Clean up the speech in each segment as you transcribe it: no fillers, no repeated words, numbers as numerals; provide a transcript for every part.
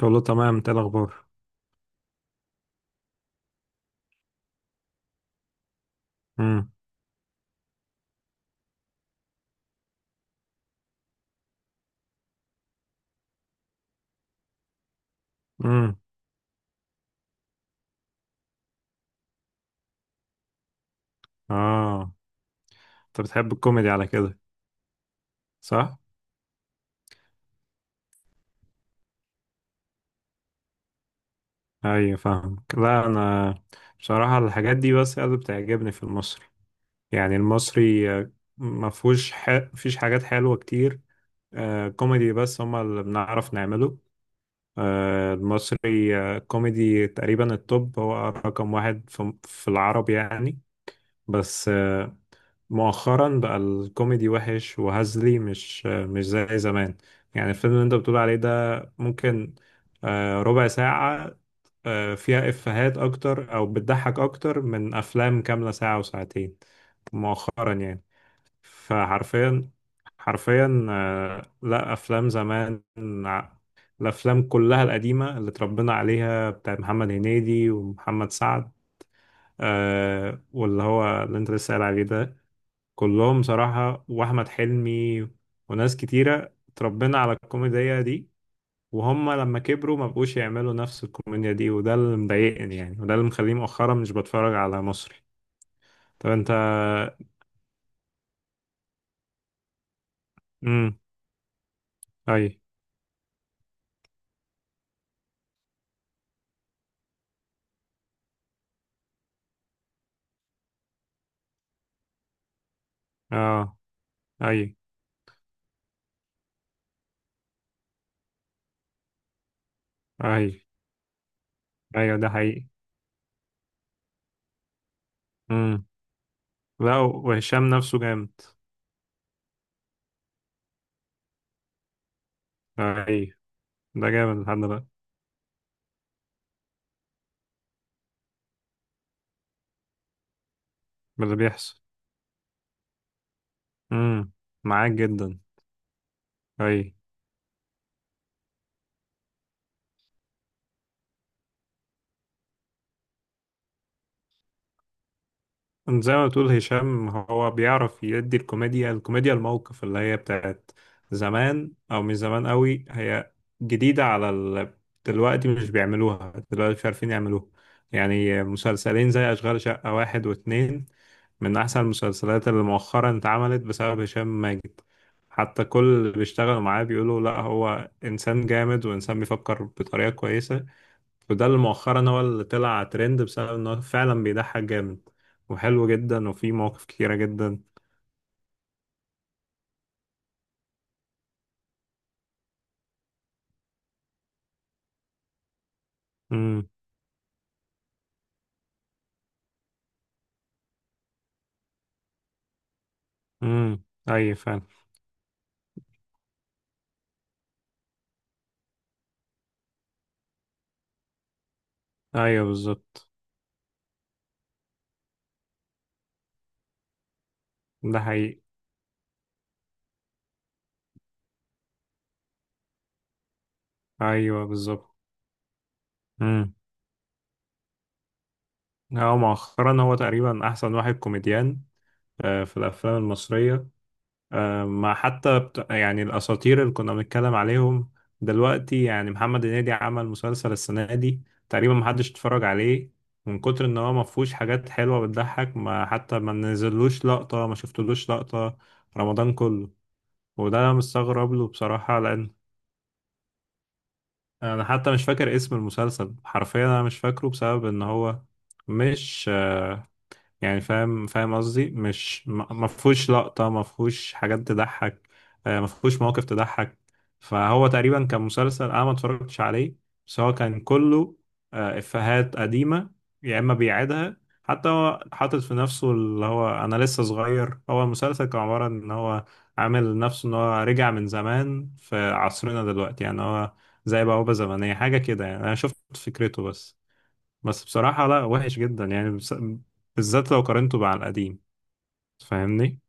كله تمام، انت ايه الاخبار؟ امم. امم. اه. انت بتحب الكوميدي على كده؟ صح. ايوه فاهمك. لا، انا بصراحه الحاجات دي بس اللي بتعجبني في المصري. يعني المصري ما فيهوش فيش حاجات حلوه كتير. كوميدي بس هما اللي بنعرف نعمله. المصري كوميدي تقريبا التوب، هو رقم واحد في العرب يعني. بس مؤخرا بقى الكوميدي وحش وهزلي، مش زي زمان. يعني الفيلم اللي انت بتقول عليه ده ممكن ربع ساعة فيها إفيهات أكتر، أو بتضحك أكتر من أفلام كاملة ساعة وساعتين مؤخرا يعني. فحرفيا، حرفيا، لا أفلام زمان. ع- الأفلام كلها القديمة اللي اتربينا عليها بتاع محمد هنيدي ومحمد سعد، واللي هو اللي انت لسه قايل عليه ده، كلهم صراحة، وأحمد حلمي وناس كتيرة اتربينا على الكوميديا دي. وهم لما كبروا ما بقوش يعملوا نفس الكوميديا دي، وده اللي مضايقني يعني، وده اللي مخليني مؤخرا مش بتفرج على مصري. طب انت. امم. اي. اه. اي. اي. ايوه ده حقيقي. امم. لا وهشام نفسه جامد. اي. ده جامد لحد دلوقتي. من اللي بيحصل. امم. معاك جدا. اي. زي ما بتقول، هشام هو بيعرف يدي الكوميديا الموقف، اللي هي بتاعت زمان او مش زمان قوي، هي جديدة على دلوقتي مش بيعملوها، دلوقتي مش عارفين يعملوها. يعني مسلسلين زي أشغال شقة واحد واتنين من أحسن المسلسلات اللي مؤخرا اتعملت بسبب هشام ماجد. حتى كل اللي بيشتغلوا معاه بيقولوا لا، هو إنسان جامد وإنسان بيفكر بطريقة كويسة. وده اللي مؤخرا هو اللي طلع ترند، بسبب انه فعلا بيضحك جامد وحلو جدا وفيه مواقف كتيرة جدا. امم. امم. ايوه فعلا. ايوه بالظبط. ده حقيقي. ايوه بالظبط. امم. هو مؤخرا هو تقريبا احسن واحد كوميديان في الافلام المصرية. ما حتى يعني الأساطير اللي كنا بنتكلم عليهم دلوقتي، يعني محمد هنيدي عمل مسلسل السنة دي تقريبا محدش اتفرج عليه، من كتر ان هو مفهوش حاجات حلوة بتضحك. ما حتى ما نزلوش لقطة، ما شفتلوش لقطة رمضان كله. وده انا مستغرب له بصراحة، لان انا حتى مش فاكر اسم المسلسل حرفيا، انا مش فاكره بسبب ان هو مش يعني فاهم قصدي، مش ما فيهوش لقطة، ما فيهوش حاجات تضحك، ما فيهوش مواقف تضحك. فهو تقريبا كان مسلسل انا ما اتفرجتش عليه، بس هو كان كله افيهات قديمة يا اما بيعيدها. حتى هو حاطط في نفسه اللي هو انا لسه صغير، هو المسلسل كان عبارة ان هو عامل نفسه ان هو رجع من زمان في عصرنا دلوقتي، يعني هو زي بوابة زمنية حاجة كده يعني، انا شفت فكرته. بس بس بصراحة لا وحش جدا يعني، بالذات لو قارنته مع القديم، فاهمني؟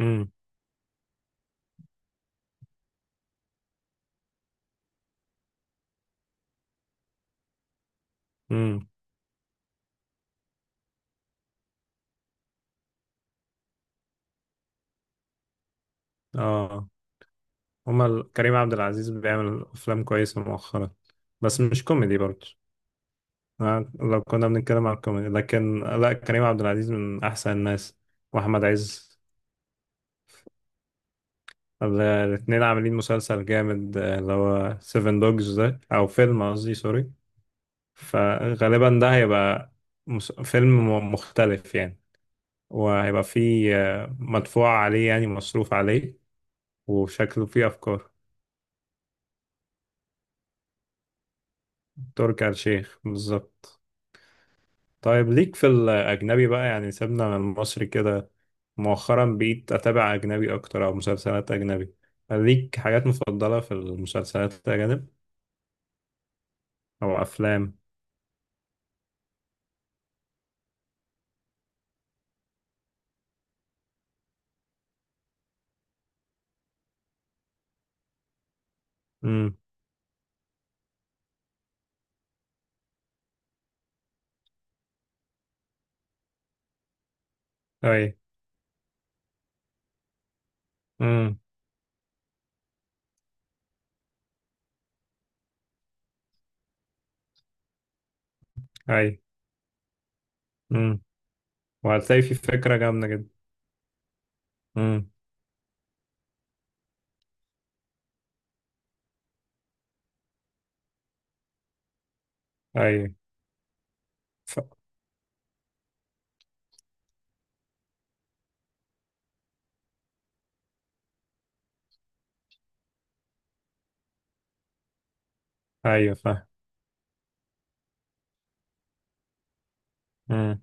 امم. امم. اه. هما كريم عبد العزيز بيعمل افلام كويسة مؤخرا، بس مش كوميدي برضه. لو كنا بنتكلم عن الكوميدي، لكن لا، كريم عبد العزيز من احسن الناس، واحمد عز. الاتنين عاملين مسلسل جامد، اللي هو سيفن دوجز، ده او فيلم قصدي، سوري. فغالبا ده هيبقى فيلم مختلف يعني، وهيبقى فيه مدفوع عليه يعني مصروف عليه، وشكله فيه أفكار. تركي آل الشيخ بالظبط. طيب ليك في الأجنبي بقى، يعني سيبنا من المصري كده. مؤخرا بقيت أتابع أجنبي أكتر أو مسلسلات أجنبي. ليك حاجات مفضلة في المسلسلات الأجنبي أو أفلام؟ امم. أي. امم. أي. امم. وهتلاقي في فكرة جامدة جدا. امم. أي. ف... أيوة فاهم. امم.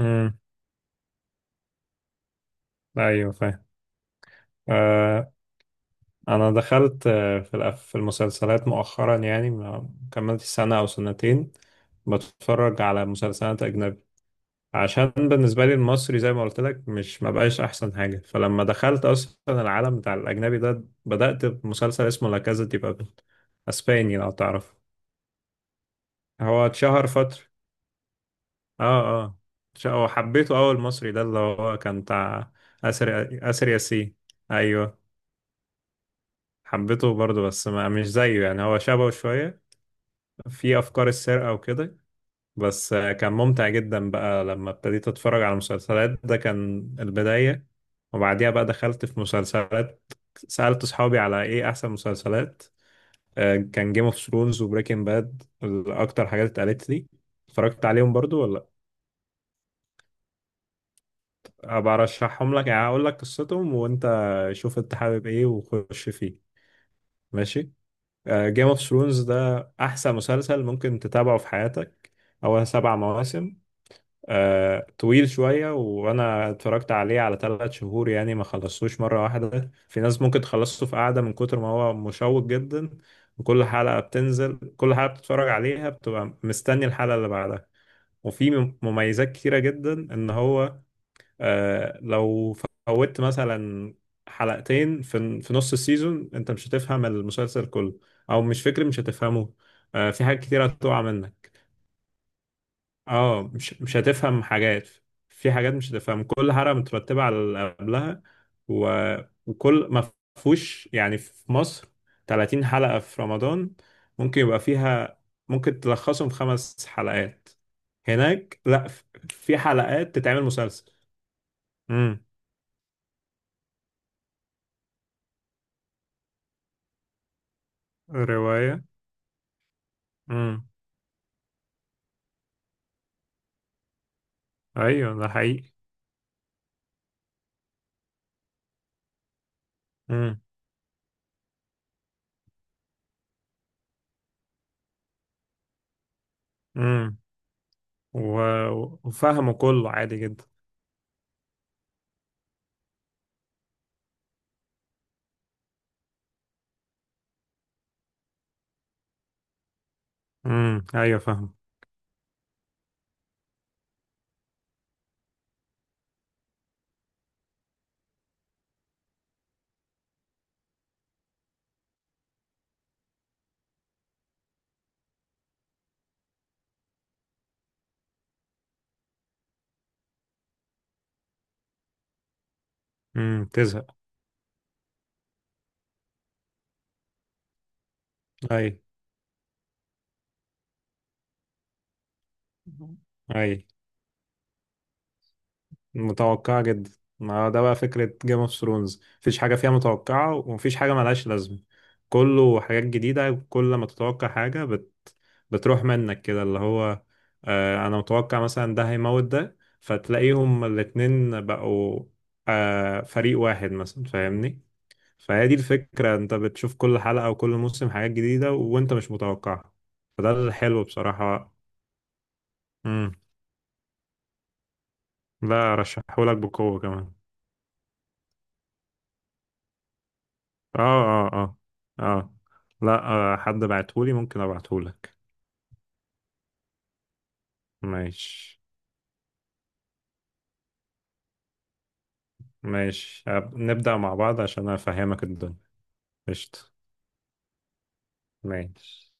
امم. أيوة فاهم. آه، انا دخلت في في المسلسلات مؤخرا، يعني ما كملت سنة او سنتين بتفرج على مسلسلات اجنبي. عشان بالنسبة لي المصري زي ما قلت لك، مش، ما بقاش احسن حاجة. فلما دخلت اصلا العالم بتاع الاجنبي ده، بدأت بمسلسل اسمه لا كازا دي بابل، اسباني لو تعرف. هو اتشهر فترة. اه. اه. هو حبيته. اول مصري ده اللي هو كان بتاع اسر ياسين. ايوه حبيته برضه، بس ما مش زيه، يعني هو شبهه شوية في افكار السرقه وكده. بس كان ممتع جدا بقى لما ابتديت اتفرج على مسلسلات، ده كان البدايه. وبعديها بقى دخلت في مسلسلات، سالت اصحابي على ايه احسن مسلسلات. كان جيم اوف ثرونز وبريكنج باد اكتر حاجات اتقالت لي. اتفرجت عليهم برضو ولا ابقى ارشحهم لك؟ يعني اقول لك قصتهم وانت شوف انت حابب ايه وخش فيه. ماشي. جيم اوف ثرونز ده احسن مسلسل ممكن تتابعه في حياتك. هو 7 مواسم، طويل شوية، وأنا اتفرجت عليه على 3 شهور يعني، ما خلصتوش مرة واحدة. في ناس ممكن تخلصه في قعدة، من كتر ما هو مشوق جدا. وكل حلقة بتنزل كل حلقة بتتفرج عليها، بتبقى مستني الحلقة اللي بعدها. وفي مميزات كتيرة جدا، إن هو لو فوتت مثلا حلقتين في نص السيزون، أنت مش هتفهم المسلسل كله، أو مش فكرة مش هتفهمه، في حاجات كتيرة هتقع منك. اه، مش هتفهم حاجات. في حاجات مش هتفهم، كل حلقة مترتبة على اللي قبلها. و... وكل ما فيهوش يعني، في مصر 30 حلقة في رمضان ممكن يبقى فيها، ممكن تلخصهم في 5 حلقات. هناك لا، في حلقات تتعمل مسلسل. امم. رواية. امم. ايوه ده حقيقي. امم. امم. و... وفهمه كله عادي جدا. امم. ايوه فاهمه. تزهق. اي. اي. متوقعة جدا. ما هو ده بقى فكرة جيم اوف ثرونز، مفيش حاجة فيها متوقعة ومفيش حاجة ملهاش لازمة، كله حاجات جديدة. كل ما تتوقع حاجة بتروح منك كده، اللي هو أنا متوقع مثلا ده هيموت، ده فتلاقيهم الاتنين بقوا فريق واحد مثلا، فاهمني؟ فهي دي الفكرة، انت بتشوف كل حلقة وكل موسم حاجات جديدة وانت مش متوقعها، فده الحلو بصراحة. مم. لا أرشحهولك بقوة كمان. اه، اه، اه، اه. لا. حد بعتهولي ممكن ابعتهولك. ماشي. ماشي، نبدأ مع بعض عشان افهمك الدنيا. قشطة. ماشي.